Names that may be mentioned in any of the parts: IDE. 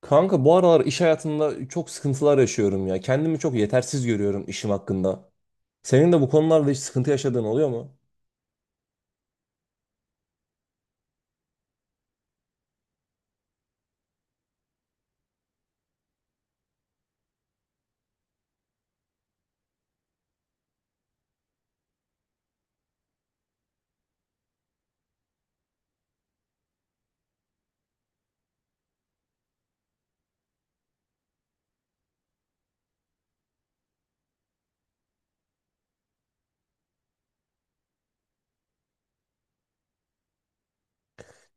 Kanka bu aralar iş hayatında çok sıkıntılar yaşıyorum ya. Kendimi çok yetersiz görüyorum işim hakkında. Senin de bu konularda hiç sıkıntı yaşadığın oluyor mu?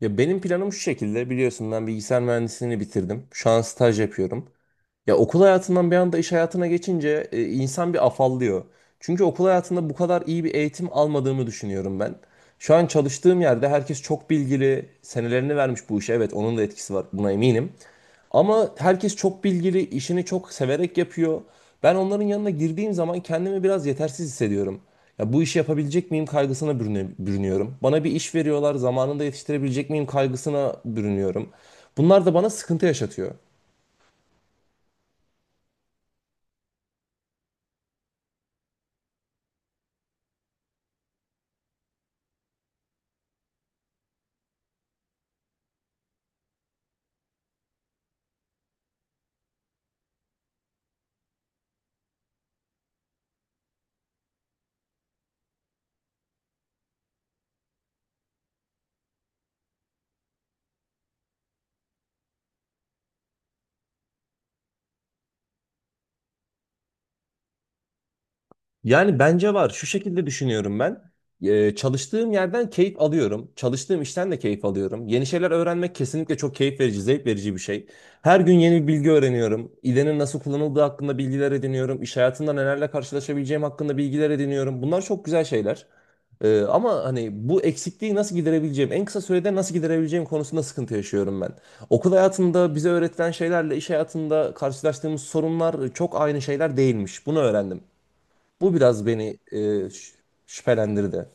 Ya benim planım şu şekilde biliyorsun ben bilgisayar mühendisliğini bitirdim. Şu an staj yapıyorum. Ya okul hayatından bir anda iş hayatına geçince insan bir afallıyor. Çünkü okul hayatında bu kadar iyi bir eğitim almadığımı düşünüyorum ben. Şu an çalıştığım yerde herkes çok bilgili, senelerini vermiş bu işe. Evet, onun da etkisi var, buna eminim. Ama herkes çok bilgili, işini çok severek yapıyor. Ben onların yanına girdiğim zaman kendimi biraz yetersiz hissediyorum. Ya bu işi yapabilecek miyim kaygısına bürünüyorum. Bana bir iş veriyorlar, zamanında yetiştirebilecek miyim kaygısına bürünüyorum. Bunlar da bana sıkıntı yaşatıyor. Yani bence var. Şu şekilde düşünüyorum ben. Çalıştığım yerden keyif alıyorum. Çalıştığım işten de keyif alıyorum. Yeni şeyler öğrenmek kesinlikle çok keyif verici, zevk verici bir şey. Her gün yeni bir bilgi öğreniyorum. İDE'nin nasıl kullanıldığı hakkında bilgiler ediniyorum. İş hayatında nelerle karşılaşabileceğim hakkında bilgiler ediniyorum. Bunlar çok güzel şeyler. Ama hani bu eksikliği nasıl giderebileceğim, en kısa sürede nasıl giderebileceğim konusunda sıkıntı yaşıyorum ben. Okul hayatında bize öğretilen şeylerle iş hayatında karşılaştığımız sorunlar çok aynı şeyler değilmiş. Bunu öğrendim. Bu biraz beni şüphelendirdi.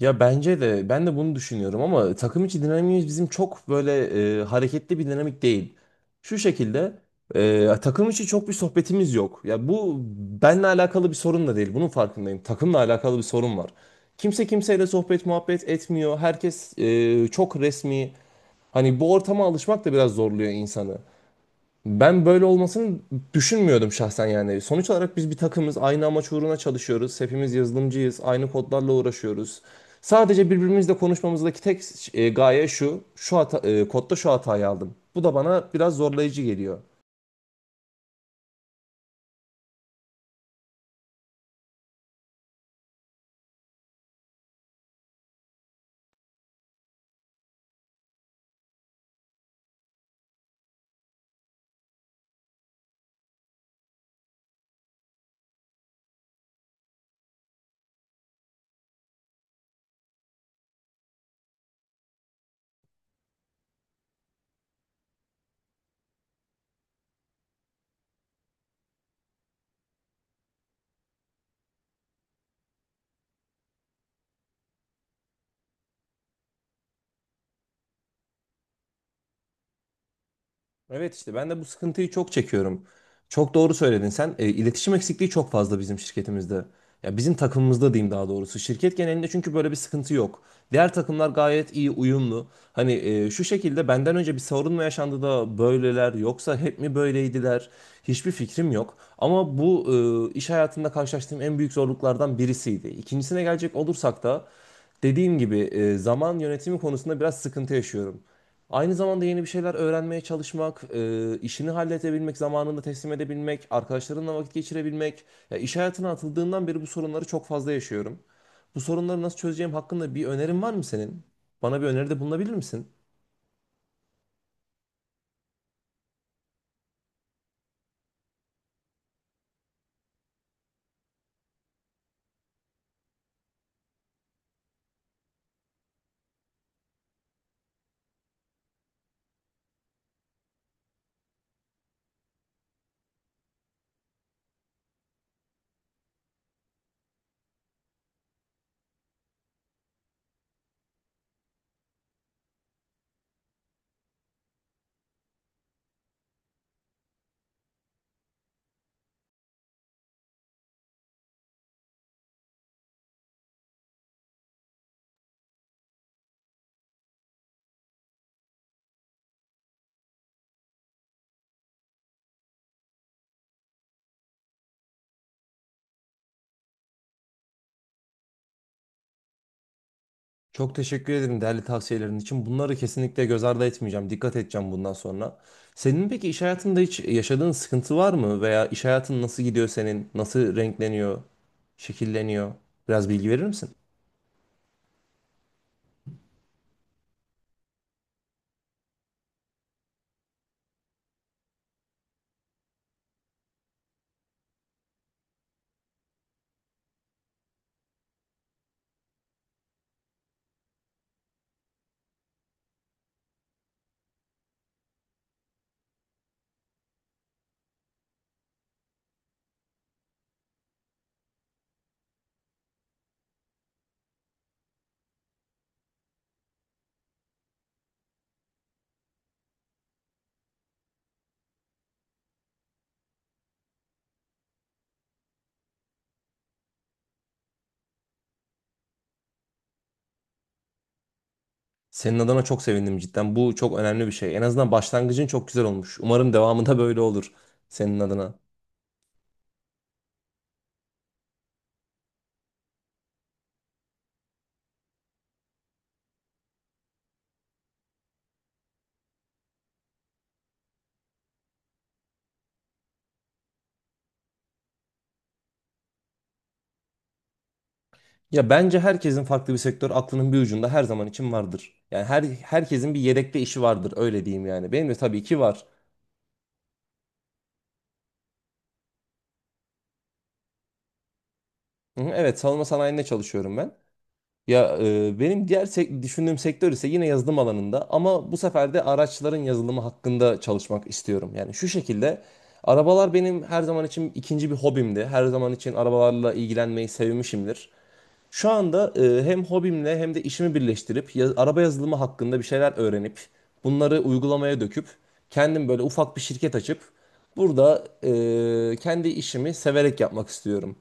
Ya bence de ben de bunu düşünüyorum ama takım içi dinamiğimiz bizim çok böyle hareketli bir dinamik değil. Şu şekilde takım içi çok bir sohbetimiz yok. Ya bu benle alakalı bir sorun da değil. Bunun farkındayım. Takımla alakalı bir sorun var. Kimse kimseyle sohbet muhabbet etmiyor. Herkes çok resmi. Hani bu ortama alışmak da biraz zorluyor insanı. Ben böyle olmasını düşünmüyordum şahsen yani. Sonuç olarak biz bir takımız, aynı amaç uğruna çalışıyoruz. Hepimiz yazılımcıyız, aynı kodlarla uğraşıyoruz. Sadece birbirimizle konuşmamızdaki tek gaye şu, şu hata, kodda şu hatayı aldım. Bu da bana biraz zorlayıcı geliyor. Evet işte ben de bu sıkıntıyı çok çekiyorum. Çok doğru söyledin sen. İletişim eksikliği çok fazla bizim şirketimizde. Ya bizim takımımızda diyeyim daha doğrusu. Şirket genelinde çünkü böyle bir sıkıntı yok. Diğer takımlar gayet iyi uyumlu. Hani şu şekilde benden önce bir sorun mu yaşandı da böyleler yoksa hep mi böyleydiler? Hiçbir fikrim yok. Ama bu iş hayatında karşılaştığım en büyük zorluklardan birisiydi. İkincisine gelecek olursak da dediğim gibi zaman yönetimi konusunda biraz sıkıntı yaşıyorum. Aynı zamanda yeni bir şeyler öğrenmeye çalışmak, işini halledebilmek, zamanında teslim edebilmek, arkadaşlarınla vakit geçirebilmek. Ya iş hayatına atıldığından beri bu sorunları çok fazla yaşıyorum. Bu sorunları nasıl çözeceğim hakkında bir önerin var mı senin? Bana bir öneride bulunabilir misin? Çok teşekkür ederim değerli tavsiyelerin için. Bunları kesinlikle göz ardı etmeyeceğim. Dikkat edeceğim bundan sonra. Senin peki iş hayatında hiç yaşadığın sıkıntı var mı? Veya iş hayatın nasıl gidiyor senin? Nasıl renkleniyor, şekilleniyor? Biraz bilgi verir misin? Senin adına çok sevindim cidden. Bu çok önemli bir şey. En azından başlangıcın çok güzel olmuş. Umarım devamı da böyle olur senin adına. Ya bence herkesin farklı bir sektör aklının bir ucunda her zaman için vardır. Yani herkesin bir yedekte işi vardır öyle diyeyim yani. Benim de tabii ki var. Hı hı, evet, savunma sanayinde çalışıyorum ben. Benim diğer düşündüğüm sektör ise yine yazılım alanında ama bu sefer de araçların yazılımı hakkında çalışmak istiyorum. Yani şu şekilde, arabalar benim her zaman için ikinci bir hobimdi. Her zaman için arabalarla ilgilenmeyi sevmişimdir. Şu anda hem hobimle hem de işimi birleştirip araba yazılımı hakkında bir şeyler öğrenip bunları uygulamaya döküp kendim böyle ufak bir şirket açıp burada kendi işimi severek yapmak istiyorum.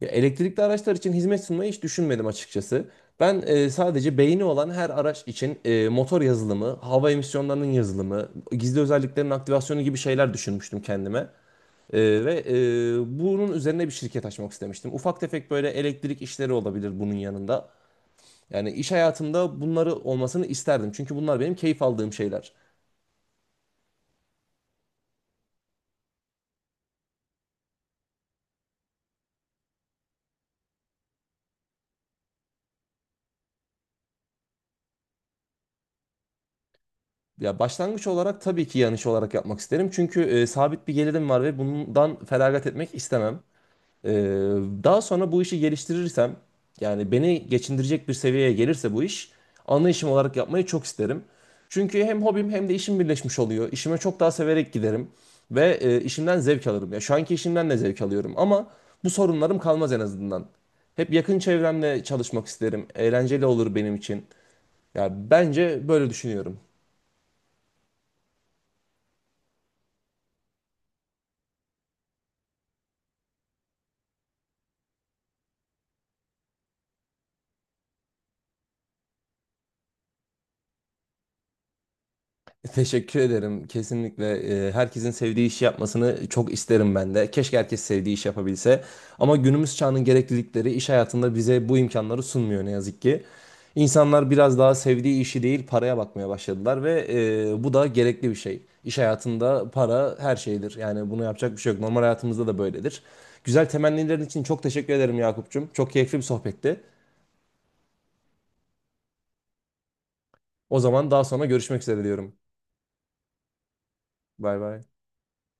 Ya, elektrikli araçlar için hizmet sunmayı hiç düşünmedim açıkçası. Ben sadece beyni olan her araç için motor yazılımı, hava emisyonlarının yazılımı, gizli özelliklerin aktivasyonu gibi şeyler düşünmüştüm kendime. Ve bunun üzerine bir şirket açmak istemiştim. Ufak tefek böyle elektrik işleri olabilir bunun yanında. Yani iş hayatımda bunları olmasını isterdim. Çünkü bunlar benim keyif aldığım şeyler. Ya başlangıç olarak tabii ki yan iş olarak yapmak isterim. Çünkü sabit bir gelirim var ve bundan feragat etmek istemem. Ee, Daha sonra bu işi geliştirirsem yani beni geçindirecek bir seviyeye gelirse bu iş ana işim olarak yapmayı çok isterim. Çünkü hem hobim hem de işim birleşmiş oluyor. İşime çok daha severek giderim ve işimden zevk alırım. Ya şu anki işimden de zevk alıyorum ama bu sorunlarım kalmaz en azından. Hep yakın çevremle çalışmak isterim. Eğlenceli olur benim için. Ya bence böyle düşünüyorum. Teşekkür ederim. Kesinlikle herkesin sevdiği işi yapmasını çok isterim ben de. Keşke herkes sevdiği iş yapabilse. Ama günümüz çağının gereklilikleri iş hayatında bize bu imkanları sunmuyor ne yazık ki. İnsanlar biraz daha sevdiği işi değil paraya bakmaya başladılar ve bu da gerekli bir şey. İş hayatında para her şeydir. Yani bunu yapacak bir şey yok. Normal hayatımızda da böyledir. Güzel temennilerin için çok teşekkür ederim Yakup'cum. Çok keyifli bir sohbetti. O zaman daha sonra görüşmek üzere diyorum. Bay bay.